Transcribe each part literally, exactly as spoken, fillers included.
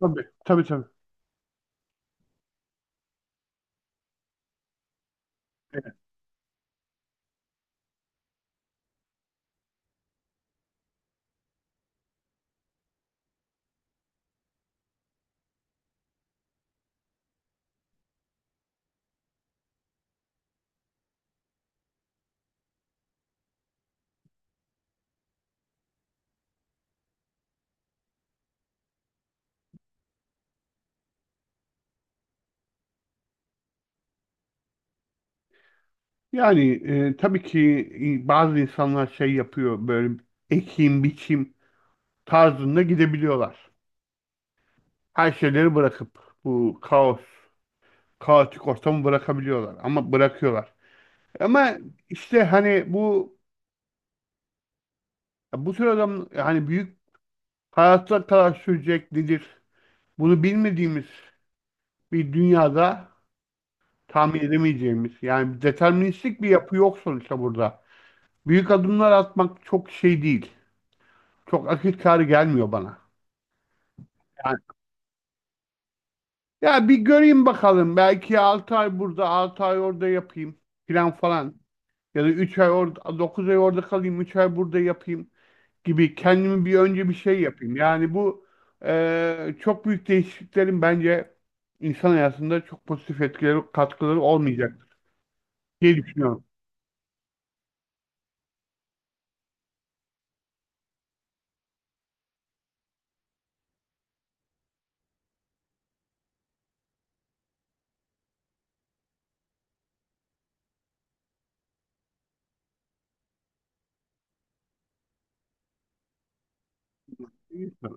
Tabii, tabii tabii. Evet. Yani e, tabii ki e, bazı insanlar şey yapıyor böyle ekim biçim tarzında gidebiliyorlar. Her şeyleri bırakıp bu kaos, kaotik ortamı bırakabiliyorlar ama bırakıyorlar. Ama işte hani bu bu tür adam hani büyük hayatlar kadar sürecek nedir? Bunu bilmediğimiz bir dünyada tahmin edemeyeceğimiz yani deterministik bir yapı yok sonuçta burada. Büyük adımlar atmak çok şey değil. Çok akıl kârı gelmiyor bana. Yani, ya bir göreyim bakalım. Belki altı ay burada, altı ay orada yapayım falan falan. Ya da üç ay orada, dokuz ay orada kalayım, üç ay burada yapayım gibi kendimi bir önce bir şey yapayım. Yani bu e, çok büyük değişikliklerin bence insan hayatında çok pozitif etkileri, katkıları olmayacaktır diye düşünüyorum.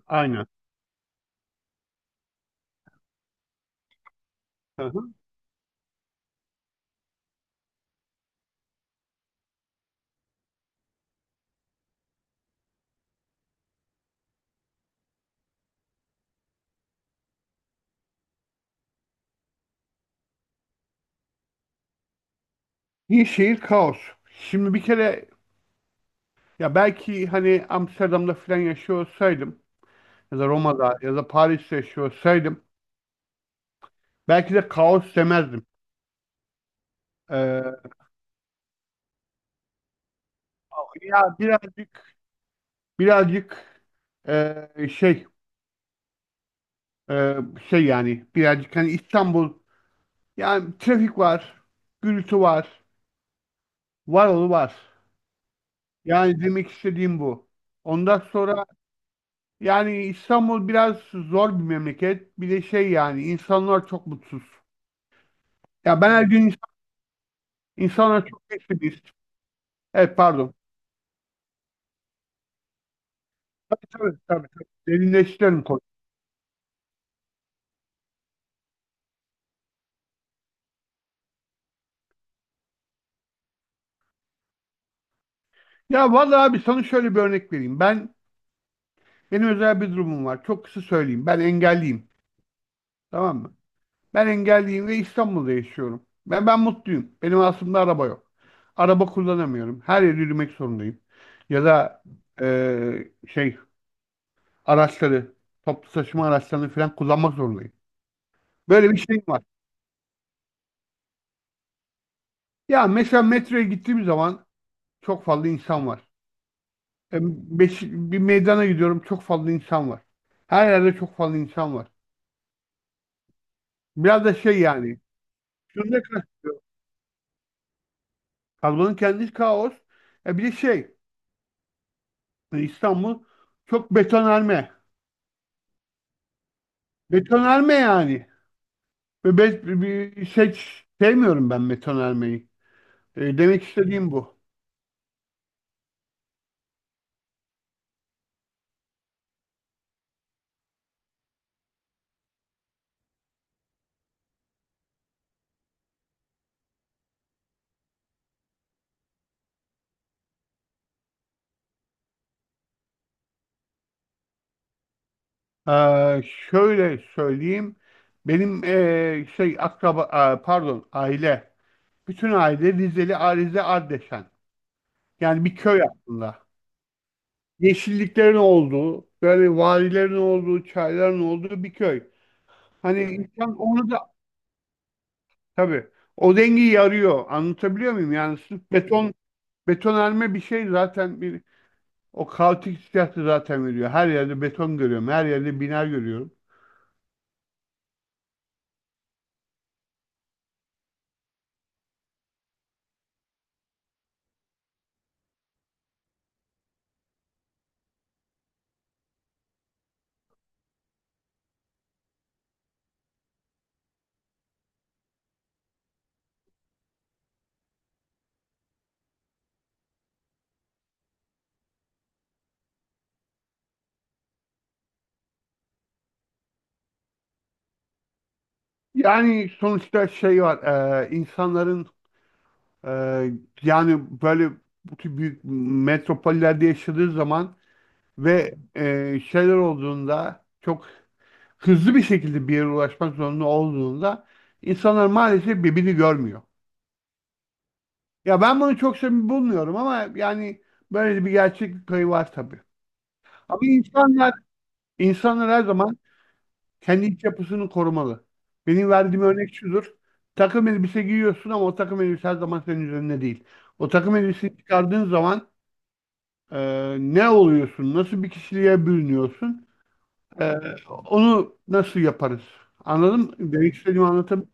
Aynen. Hı hı. Bir şehir kaos. Şimdi bir kere ya belki hani Amsterdam'da falan yaşıyor olsaydım ya da Roma'da ya da Paris'te yaşıyorsaydım belki de kaos demezdim. Ee, Ya birazcık birazcık e, şey e, şey yani birazcık hani İstanbul, yani trafik var, gürültü var, var oğlu var. Yani demek istediğim bu. Ondan sonra yani İstanbul biraz zor bir memleket. Bir de şey yani insanlar çok mutsuz. Ya ben her gün insan- insanlar çok pessimist. Evet pardon. Tabii tabii tabii. tabii. Derinleştirelim konuyu. Ya vallahi abi sana şöyle bir örnek vereyim. Ben benim özel bir durumum var. Çok kısa söyleyeyim. Ben engelliyim. Tamam mı? Ben engelliyim ve İstanbul'da yaşıyorum. Ben ben mutluyum. Benim aslında araba yok. Araba kullanamıyorum. Her yere yürümek zorundayım. Ya da eee, şey araçları, toplu taşıma araçlarını falan kullanmak zorundayım. Böyle bir şeyim var. Ya mesela metroya gittiğim zaman çok fazla insan var. E, beş- bir meydana gidiyorum, çok fazla insan var. Her yerde çok fazla insan var. Biraz da şey yani. Şunu kastediyor. Kazmanın kendisi kaos. E bir de şey e, İstanbul çok betonarme. Betonarme yani. Ve be, bir seç sevmiyorum ben betonarmeyi. E, demek istediğim bu. Ee, Şöyle söyleyeyim. Benim e, şey akraba a, pardon aile. Bütün aile Rizeli, Arize Ardeşen. Yani bir köy aslında. Yeşilliklerin olduğu, böyle vadilerin olduğu, çayların olduğu bir köy. Hani, Evet. insan onu da. Tabii. O dengeyi arıyor. Anlatabiliyor muyum? Yani sırf beton betonarme bir şey zaten bir o kaotik hissiyatı zaten veriyor. Her yerde beton görüyorum. Her yerde bina görüyorum. Yani sonuçta şey var. E, insanların e, yani böyle bu tür büyük metropollerde yaşadığı zaman ve e, şeyler olduğunda çok hızlı bir şekilde bir yere ulaşmak zorunda olduğunda insanlar maalesef birbirini görmüyor. Ya ben bunu çok samimi bulmuyorum ama yani böyle bir gerçeklik payı var tabii. Ama insanlar, insanlar her zaman kendi iç yapısını korumalı. Benim verdiğim örnek şudur. Takım elbise giyiyorsun ama o takım elbise her zaman senin üzerinde değil. O takım elbiseyi çıkardığın zaman e, ne oluyorsun? Nasıl bir kişiliğe bürünüyorsun? E, Onu nasıl yaparız? Anladın mı? Demek istediğimi anlatabiliyor.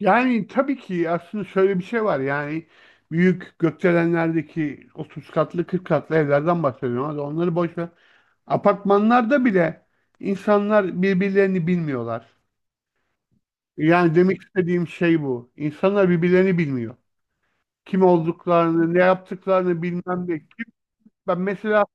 Yani tabii ki aslında şöyle bir şey var, yani büyük gökdelenlerdeki otuz katlı, kırk katlı evlerden bahsediyorum ama onları boş ver. Apartmanlarda bile insanlar birbirlerini bilmiyorlar. Yani demek istediğim şey bu. İnsanlar birbirlerini bilmiyor. Kim olduklarını, ne yaptıklarını bilmem ne. Kim, ben mesela,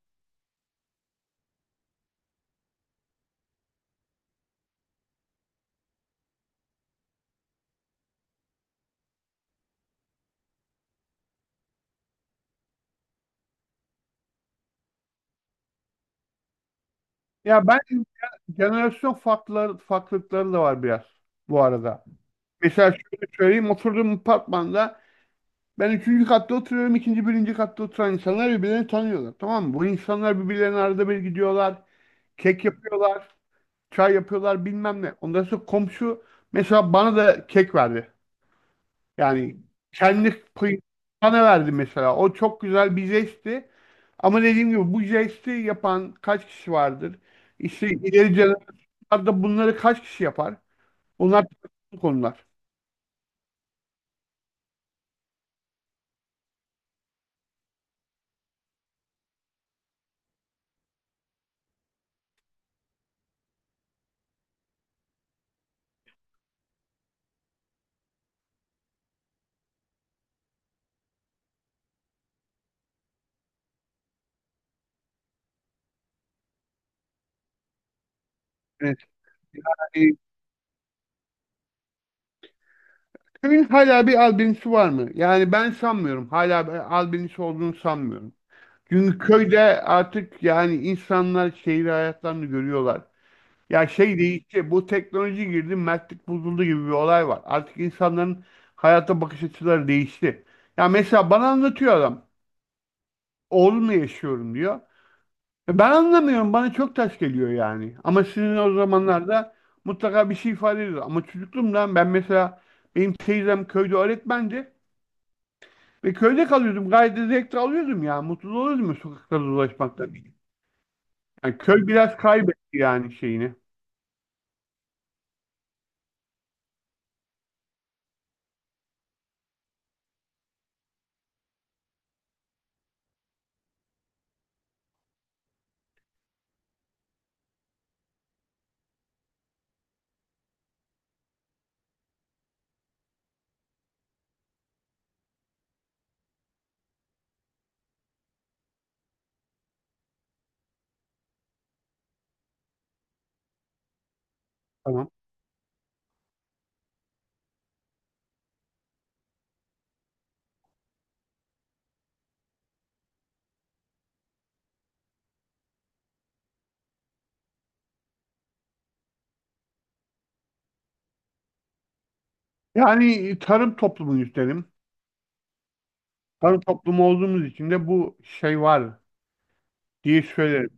ya ben, jenerasyon farklar, farklılıkları da var biraz bu arada. Mesela şöyle söyleyeyim, oturduğum apartmanda Ben üçüncü katta oturuyorum. İkinci, birinci katta oturan insanlar birbirlerini tanıyorlar. Tamam mı? Bu insanlar birbirlerine arada bir gidiyorlar. Kek yapıyorlar. Çay yapıyorlar bilmem ne. Ondan sonra komşu mesela bana da kek verdi. Yani kendi payı bana verdi mesela. O çok güzel bir jestti. Ama dediğim gibi bu jesti yapan kaç kişi vardır? İşte ileri jenerasyonlarda bunları kaç kişi yapar? Bunlar tartışmalı konular. Evet. Yani Köyün hala bir albinosu var mı? Yani ben sanmıyorum. Hala bir albinosu olduğunu sanmıyorum. Çünkü köyde artık yani insanlar şehir hayatlarını görüyorlar. Ya şey değişti. Bu teknoloji girdi, mertlik bozuldu gibi bir olay var. Artık insanların hayata bakış açıları değişti. Ya mesela bana anlatıyor adam. Oğlumla yaşıyorum diyor. E Ben anlamıyorum. Bana çok ters geliyor yani. Ama sizin o zamanlarda mutlaka bir şey ifade ediyor. Ama çocukluğumdan ben mesela, benim teyzem köyde öğretmendi. Ve köyde kalıyordum. Gayet de zevk de alıyordum ya. Mutlu oluyordum ya sokaklarda dolaşmaktan. Yani köy biraz kaybetti yani şeyini. Tamam. Yani tarım toplumuyuz üstelim. Tarım toplumu olduğumuz için de bu şey var diye söylerim.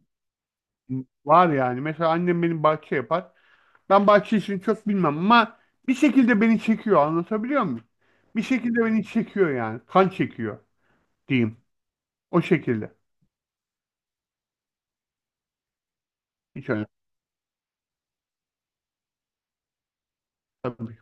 Var yani. Mesela annem benim bahçe yapar. Ben bahçe işini çok bilmem ama bir şekilde beni çekiyor. Anlatabiliyor muyum? Bir şekilde beni çekiyor yani. Kan çekiyor diyeyim. O şekilde. Hiç önemli.